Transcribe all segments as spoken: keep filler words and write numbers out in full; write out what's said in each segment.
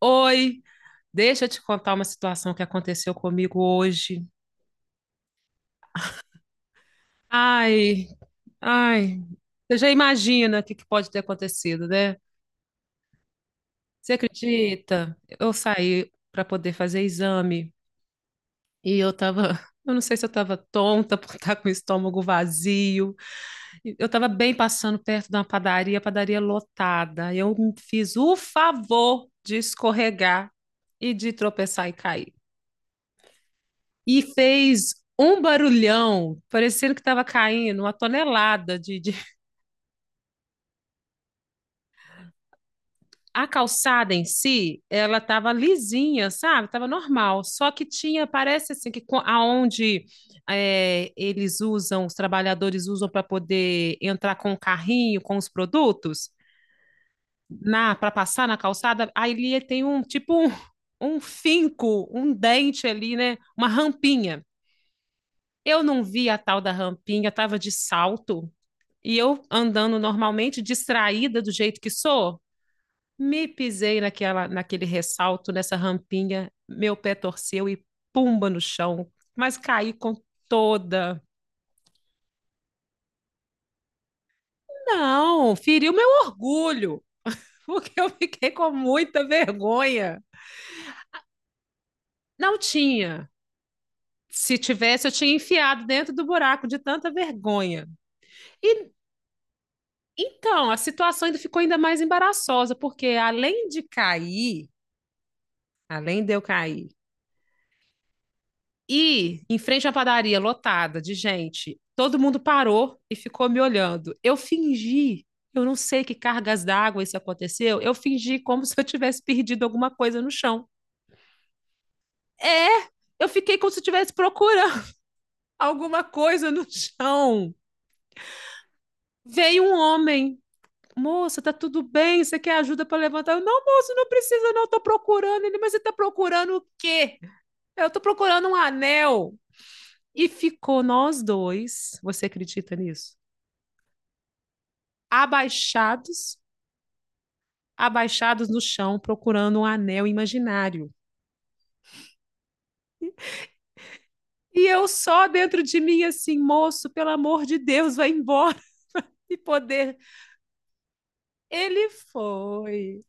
Oi, deixa eu te contar uma situação que aconteceu comigo hoje. Ai, ai, você já imagina o que que pode ter acontecido, né? Você acredita? Eu saí para poder fazer exame e eu tava, eu não sei se eu tava tonta por estar com o estômago vazio. E Eu tava bem passando perto de uma padaria, padaria lotada. Eu fiz o favor de escorregar e de tropeçar e cair. E fez um barulhão, parecendo que estava caindo uma tonelada de, de... A calçada em si, ela estava lisinha, sabe? Estava normal, só que tinha, parece assim, que aonde é, eles usam, os trabalhadores usam para poder entrar com o carrinho, com os produtos, na para passar na calçada, aí ali tem um tipo um, um finco, um dente ali, né? Uma rampinha. Eu não vi a tal da rampinha, eu estava de salto, e eu andando normalmente, distraída do jeito que sou, me pisei naquela, naquele ressalto, nessa rampinha, meu pé torceu e pumba no chão, mas caí com toda. Não, feriu meu orgulho, porque eu fiquei com muita vergonha. Não tinha. Se tivesse, eu tinha enfiado dentro do buraco de tanta vergonha. E então, a situação ainda ficou ainda mais embaraçosa, porque além de cair, além de eu cair, e em frente à padaria lotada de gente, todo mundo parou e ficou me olhando. Eu fingi, eu não sei que cargas d'água isso aconteceu, eu fingi como se eu tivesse perdido alguma coisa no chão. É, eu fiquei como se eu estivesse procurando alguma coisa no chão. Veio um homem. Moça, tá tudo bem? Você quer ajuda para levantar? Não, moço, não precisa, não. Eu tô procurando ele, mas você tá procurando o quê? Eu tô procurando um anel. E ficou nós dois. Você acredita nisso? Abaixados, abaixados no chão, procurando um anel imaginário. E eu só dentro de mim assim, moço, pelo amor de Deus, vai embora e poder. Ele foi.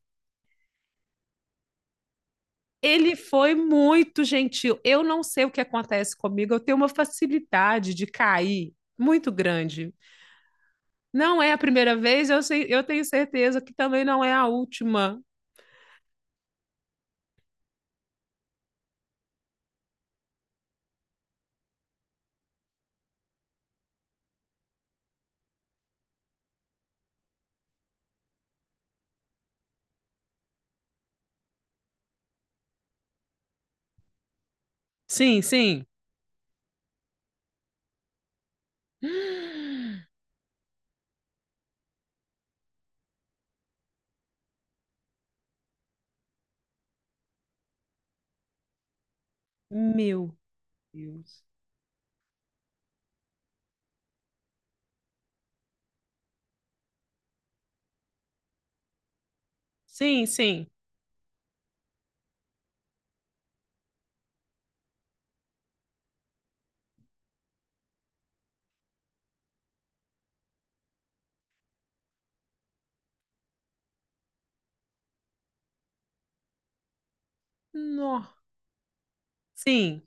Ele foi muito gentil. Eu não sei o que acontece comigo, eu tenho uma facilidade de cair muito grande. Não é a primeira vez, eu, sei, eu tenho certeza que também não é a última. Sim, sim. Meu Deus. Sim, sim. Nó. Sim.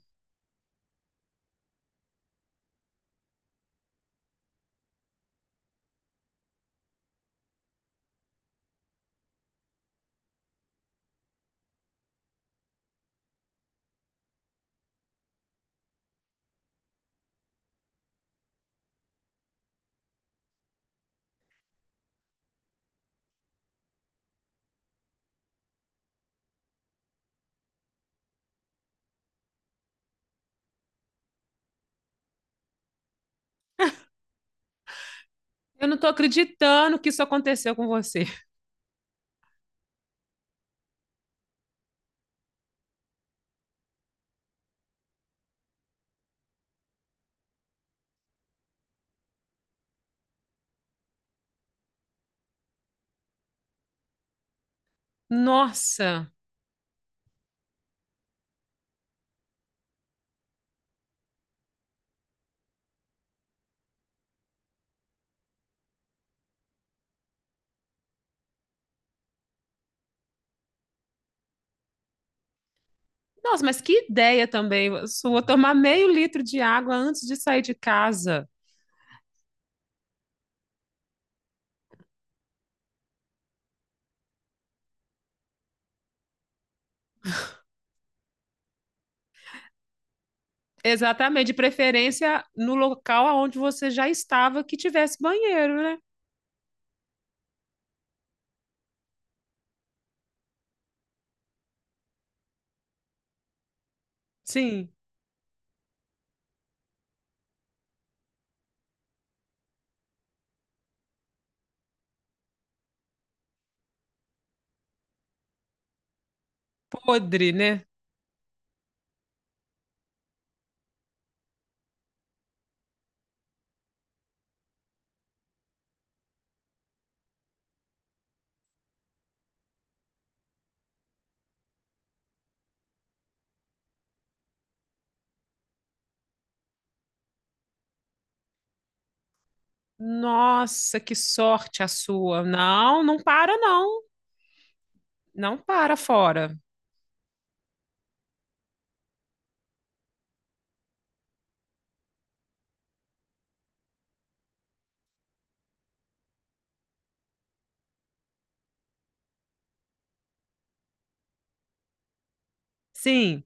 Eu não tô acreditando que isso aconteceu com você. Nossa, nossa, mas que ideia também sua tomar meio litro de água antes de sair de casa. Exatamente, de preferência no local aonde você já estava que tivesse banheiro, né? Sim, podre, né? Nossa, que sorte a sua. Não, não para não. Não para fora. Sim,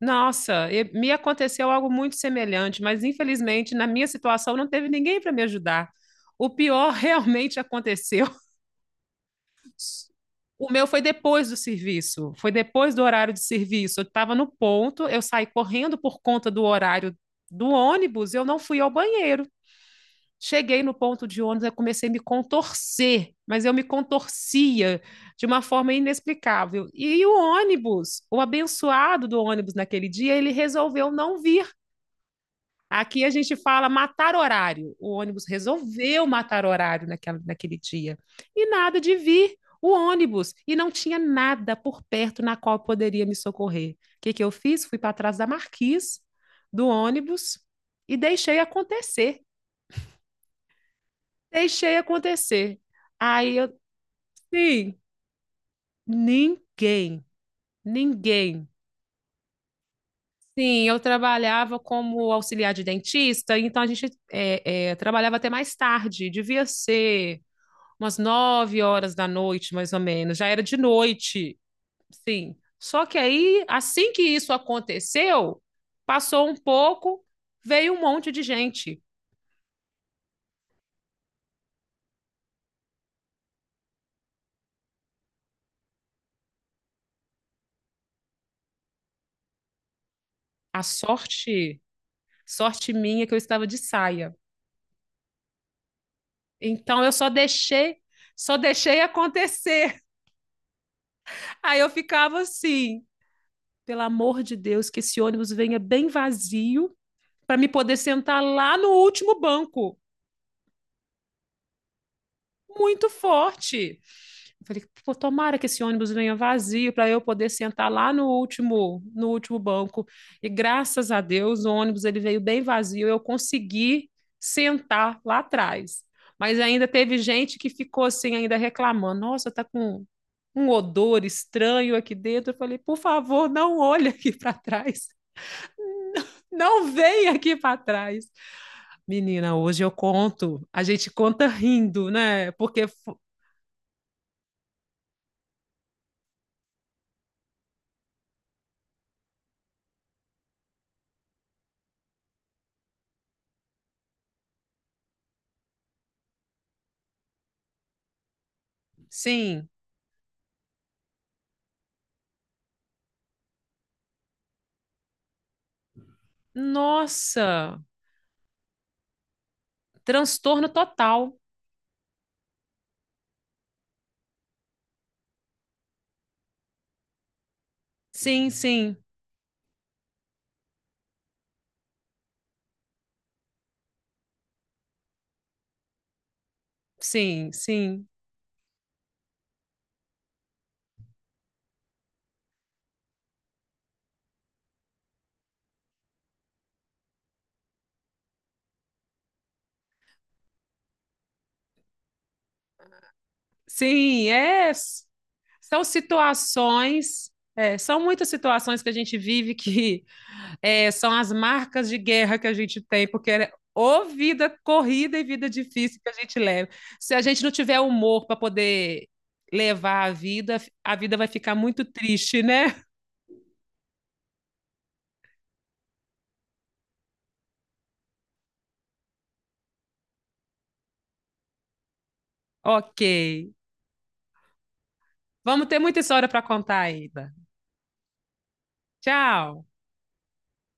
nossa, e- me aconteceu algo muito semelhante, mas infelizmente na minha situação não teve ninguém para me ajudar. O pior realmente aconteceu. O meu foi depois do serviço, foi depois do horário de serviço. Eu estava no ponto, eu saí correndo por conta do horário do ônibus, eu não fui ao banheiro. Cheguei no ponto de ônibus, eu comecei a me contorcer, mas eu me contorcia de uma forma inexplicável. E o ônibus, o abençoado do ônibus naquele dia, ele resolveu não vir. Aqui a gente fala matar horário. O ônibus resolveu matar horário naquela, naquele dia. E nada de vir o ônibus. E não tinha nada por perto na qual poderia me socorrer. O que, que eu fiz? Fui para trás da marquise do ônibus e deixei acontecer. Deixei acontecer. Aí eu, sim, ninguém, ninguém. Sim, eu trabalhava como auxiliar de dentista, então a gente é, é, trabalhava até mais tarde, devia ser umas nove horas da noite, mais ou menos, já era de noite, sim. Só que aí, assim que isso aconteceu, passou um pouco, veio um monte de gente. A sorte, sorte minha é que eu estava de saia. Então eu só deixei, só deixei acontecer. Aí eu ficava assim, pelo amor de Deus, que esse ônibus venha bem vazio para me poder sentar lá no último banco. Muito forte. Eu falei, pô, tomara que esse ônibus venha vazio para eu poder sentar lá no último, no último banco. E graças a Deus, o ônibus ele veio bem vazio, eu consegui sentar lá atrás. Mas ainda teve gente que ficou assim ainda reclamando. Nossa, tá com um odor estranho aqui dentro. Eu falei, por favor, não olhe aqui para trás. Não venha aqui para trás. Menina, hoje eu conto. A gente conta rindo, né? Porque, sim, nossa, transtorno total. Sim, sim, sim, sim, sim. É, s- são situações, é, são muitas situações que a gente vive que é, são as marcas de guerra que a gente tem, porque é ou vida corrida e vida difícil que a gente leva. Se a gente não tiver humor para poder levar a vida, a vida vai ficar muito triste, né? Ok. Vamos ter muita história para contar ainda. Tchau.